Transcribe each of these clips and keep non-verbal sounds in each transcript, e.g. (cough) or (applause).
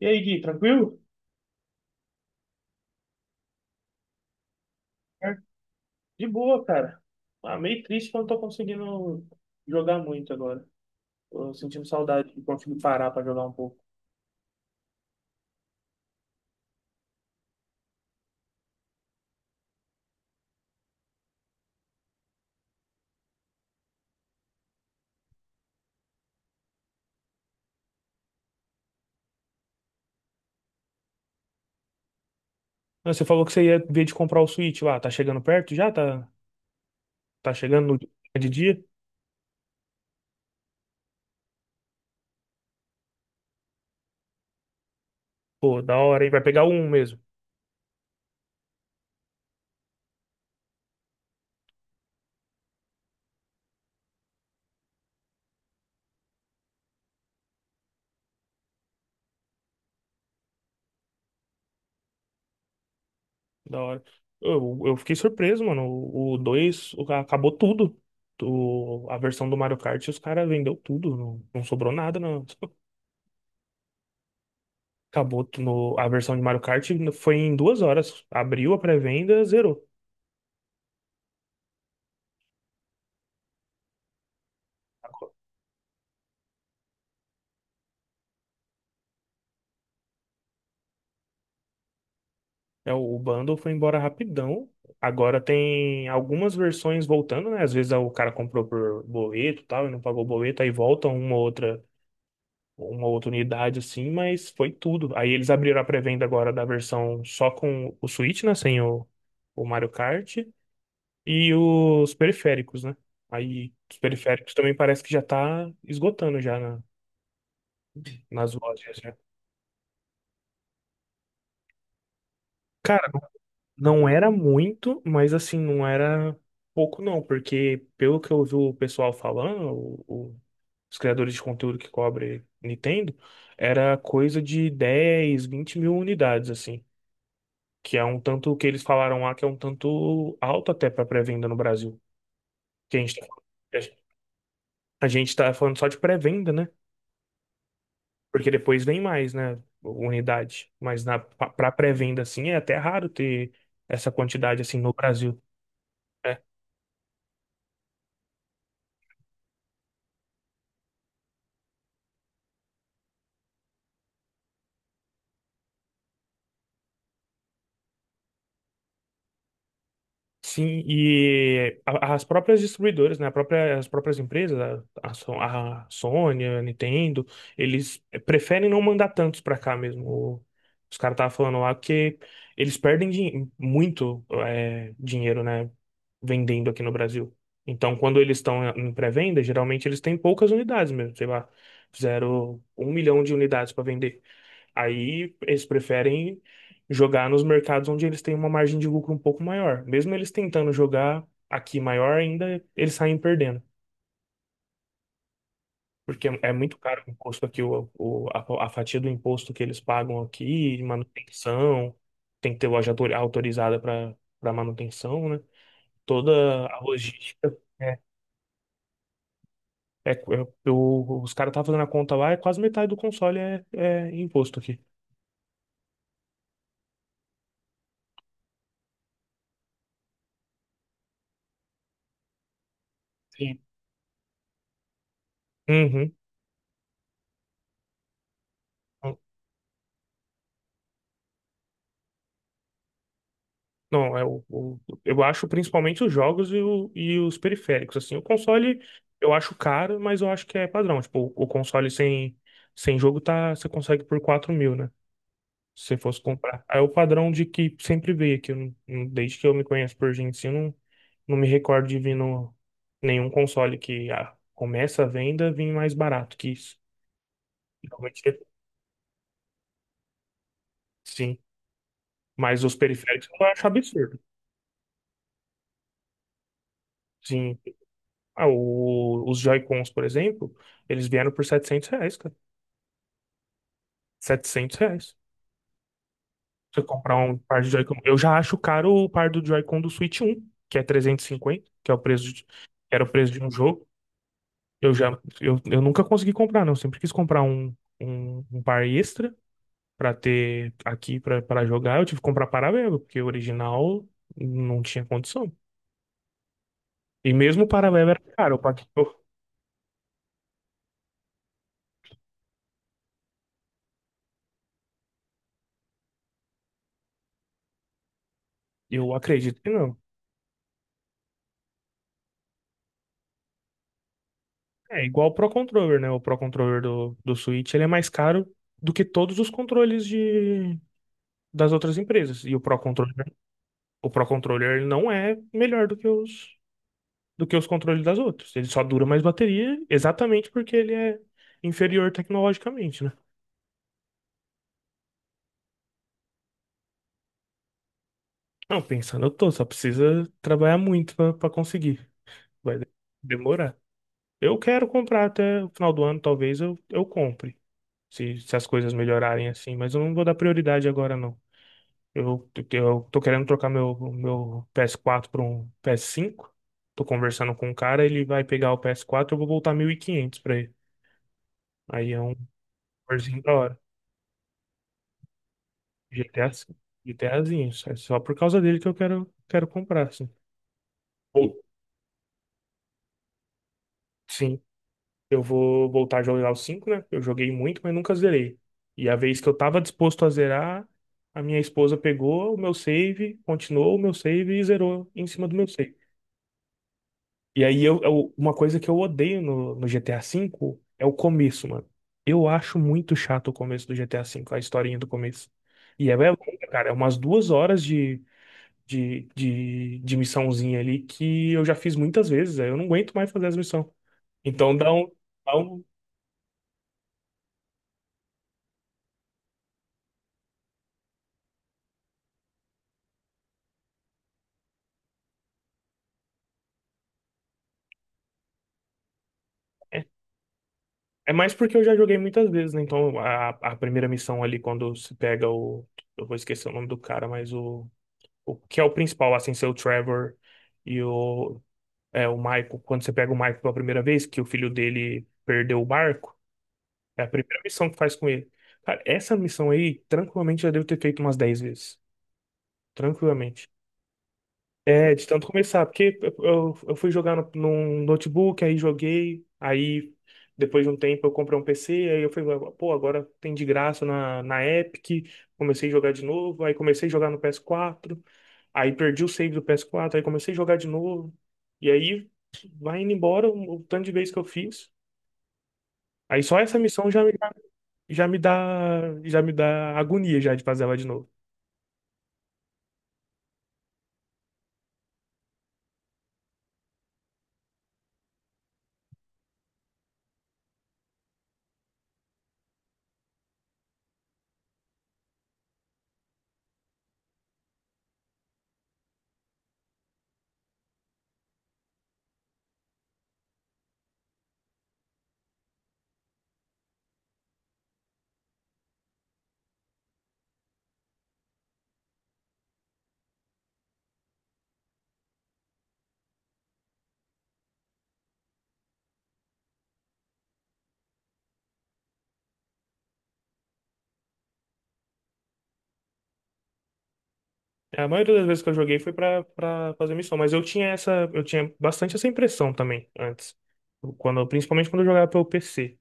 E aí, Gui, tranquilo? É, de boa, cara. Ah, meio triste que eu não tô conseguindo jogar muito agora. Tô sentindo saudade de conseguir parar pra jogar um pouco. Não, você falou que você ia ver de comprar o Switch lá. Tá chegando perto já? Tá, tá chegando no dia de dia? Pô, da hora, hein? Vai pegar um mesmo. Da hora. Eu fiquei surpreso, mano. O 2 acabou tudo. A versão do Mario Kart, os caras vendeu tudo. Não, não sobrou nada, não. (laughs) Acabou no, a versão de Mario Kart foi em 2 horas. Abriu a pré-venda, zerou. É, o bundle foi embora rapidão. Agora tem algumas versões voltando, né? Às vezes o cara comprou por boleto e tal, e não pagou o boleto, aí volta uma outra unidade assim, mas foi tudo. Aí eles abriram a pré-venda agora da versão só com o Switch, né? Sem o Mario Kart e os periféricos, né? Aí os periféricos também parece que já tá esgotando já nas lojas, né? Cara, não era muito, mas assim, não era pouco não, porque pelo que eu vi o pessoal falando, os criadores de conteúdo que cobre Nintendo, era coisa de 10 20 mil unidades, assim. Que é um tanto que eles falaram lá que é um tanto alto até para pré-venda no Brasil. Que a gente tá falando só de pré-venda, né? Porque depois vem mais, né? Unidade. Mas na, pra pra pré-venda, assim, é até raro ter essa quantidade assim no Brasil, né? Sim, e as próprias distribuidoras, né, as próprias empresas, a Sony, a Nintendo, eles preferem não mandar tantos pra cá mesmo. Os caras estavam falando lá que eles perdem muito dinheiro, né, vendendo aqui no Brasil. Então, quando eles estão em pré-venda, geralmente eles têm poucas unidades mesmo, sei lá, fizeram 1 milhão de unidades para vender. Aí eles preferem jogar nos mercados onde eles têm uma margem de lucro um pouco maior. Mesmo eles tentando jogar aqui maior, ainda eles saem perdendo. Porque é muito caro o imposto aqui, a fatia do imposto que eles pagam aqui, manutenção, tem que ter loja autorizada para manutenção, né? Toda a logística. Os caras estavam fazendo a conta lá, é quase metade do console é imposto aqui. Sim. Uhum. Não, eu acho principalmente os jogos e os periféricos, assim, o console eu acho caro, mas eu acho que é padrão, tipo, console sem jogo tá, você consegue por 4 mil, né, se você fosse comprar. Aí o padrão de que sempre veio, que eu desde que eu me conheço por gente, assim, eu não me recordo de vir no, nenhum console que começa a venda vir mais barato que isso. Realmente, sim, mas os periféricos eu acho absurdo. Sim, os Joy-Cons, por exemplo, eles vieram por R$ 700, cara. R$ 700. Você comprar um par de Joy-Con. Eu já acho caro o par do Joy-Con do Switch 1, que é 350, que é o que era o preço de um jogo. Eu já, eu nunca consegui comprar, não. Eu sempre quis comprar um par extra pra ter aqui pra para jogar. Eu tive que comprar paralelo, porque o original não tinha condição. E mesmo o paralelo era caro. Eu, paguei- eu acredito que não. É igual o Pro Controller, né? O Pro Controller do Switch, ele é mais caro do que todos os controles das outras empresas. E o Pro Controller ele não é melhor do que os controles das outras. Ele só dura mais bateria exatamente porque ele é inferior tecnologicamente, né? Não, pensando, eu tô, só precisa trabalhar muito pra conseguir. Vai demorar. Eu quero comprar até o final do ano, talvez eu compre. Se as coisas melhorarem assim, mas eu não vou dar prioridade agora, não. Eu tô querendo trocar meu PS4 para um PS5. Tô conversando com um cara, ele vai pegar o PS4, eu vou voltar 1.500 pra ele. Aí é um valorzinho da hora. GTA, sim. GTAzinho. É só por causa dele que eu quero comprar, assim. Ou- Sim, eu vou voltar a jogar o cinco, né? Eu joguei muito, mas nunca zerei. E a vez que eu tava disposto a zerar, a minha esposa pegou o meu save, continuou o meu save e zerou em cima do meu save. E aí, uma coisa que eu odeio no GTA 5 é o começo, mano. Eu acho muito chato o começo do GTA 5, a historinha do começo. E é longa, cara, é umas 2 horas de missãozinha ali que eu já fiz muitas vezes, aí eu não aguento mais fazer as missões. Então dá um, dá um- é, é mais porque eu já joguei muitas vezes, né? Então a primeira missão ali, quando se pega o. Eu vou esquecer o nome do cara, mas o que é o principal, assim, ser o Trevor e o. É, o Maico, quando você pega o Maico pela primeira vez, que o filho dele perdeu o barco, é a primeira missão que faz com ele. Cara, essa missão aí, tranquilamente, já devo ter feito umas 10 vezes. Tranquilamente. É, de tanto começar, porque eu fui jogar no, num notebook, aí joguei, aí depois de um tempo eu comprei um PC, aí eu falei, pô, agora tem de graça na Epic, comecei a jogar de novo, aí comecei a jogar no PS4, aí perdi o save do PS4, aí comecei a jogar de novo, e aí vai indo embora o tanto de vezes que eu fiz. Aí só essa missão já, já me dá agonia já de fazer ela de novo. É, a maioria das vezes que eu joguei foi pra fazer missão, mas eu tinha bastante essa impressão também antes. Quando, principalmente quando eu jogava pelo PC.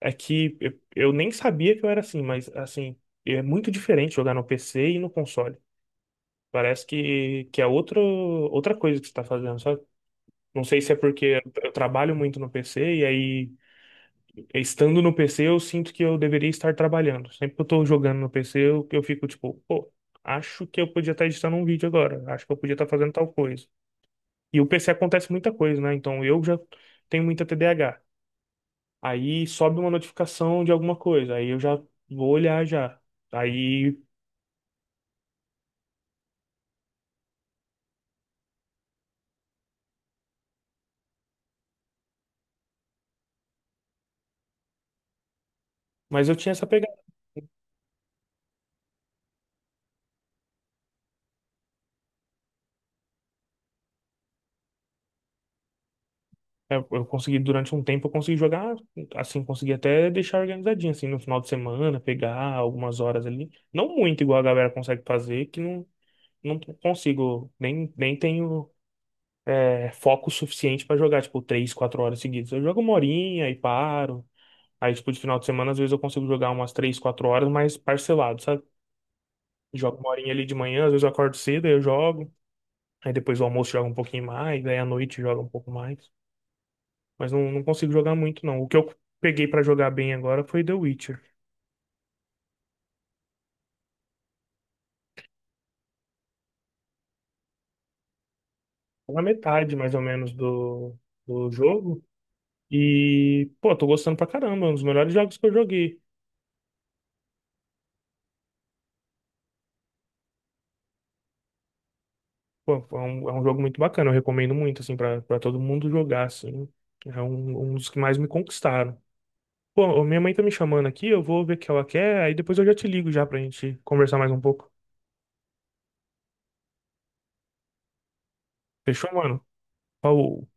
É que eu nem sabia que eu era assim, mas assim, é muito diferente jogar no PC e no console. Parece que é outra coisa que você tá fazendo, sabe? Não sei se é porque eu trabalho muito no PC e aí estando no PC, eu sinto que eu deveria estar trabalhando. Sempre que eu tô jogando no PC, eu fico tipo, pô, acho que eu podia estar editando um vídeo agora, acho que eu podia estar fazendo tal coisa. E o PC acontece muita coisa, né? Então eu já tenho muita TDAH. Aí sobe uma notificação de alguma coisa, aí eu já vou olhar já. Aí, mas eu tinha essa pegada. Eu consegui, durante um tempo, eu consegui jogar, assim, consegui até deixar organizadinho, assim, no final de semana, pegar algumas horas ali. Não muito igual a galera consegue fazer, que não consigo, nem tenho foco suficiente pra jogar, tipo, três, quatro horas seguidas. Eu jogo uma horinha e paro. Aí, tipo, de final de semana, às vezes eu consigo jogar umas três, quatro horas, mas parcelado, sabe? Jogo uma horinha ali de manhã, às vezes eu acordo cedo, aí eu jogo. Aí depois do almoço joga um pouquinho mais, aí à noite joga um pouco mais. Mas não, não consigo jogar muito, não. O que eu peguei pra jogar bem agora foi The Witcher. Tá na metade, mais ou menos, do jogo. E, pô, tô gostando pra caramba, é um dos melhores jogos que eu joguei. Pô, é um jogo muito bacana, eu recomendo muito, assim, pra todo mundo jogar, assim. É um dos que mais me conquistaram. Pô, ô, minha mãe tá me chamando aqui, eu vou ver o que ela quer, aí depois eu já te ligo já pra gente conversar mais um pouco. Fechou, mano? Ó, O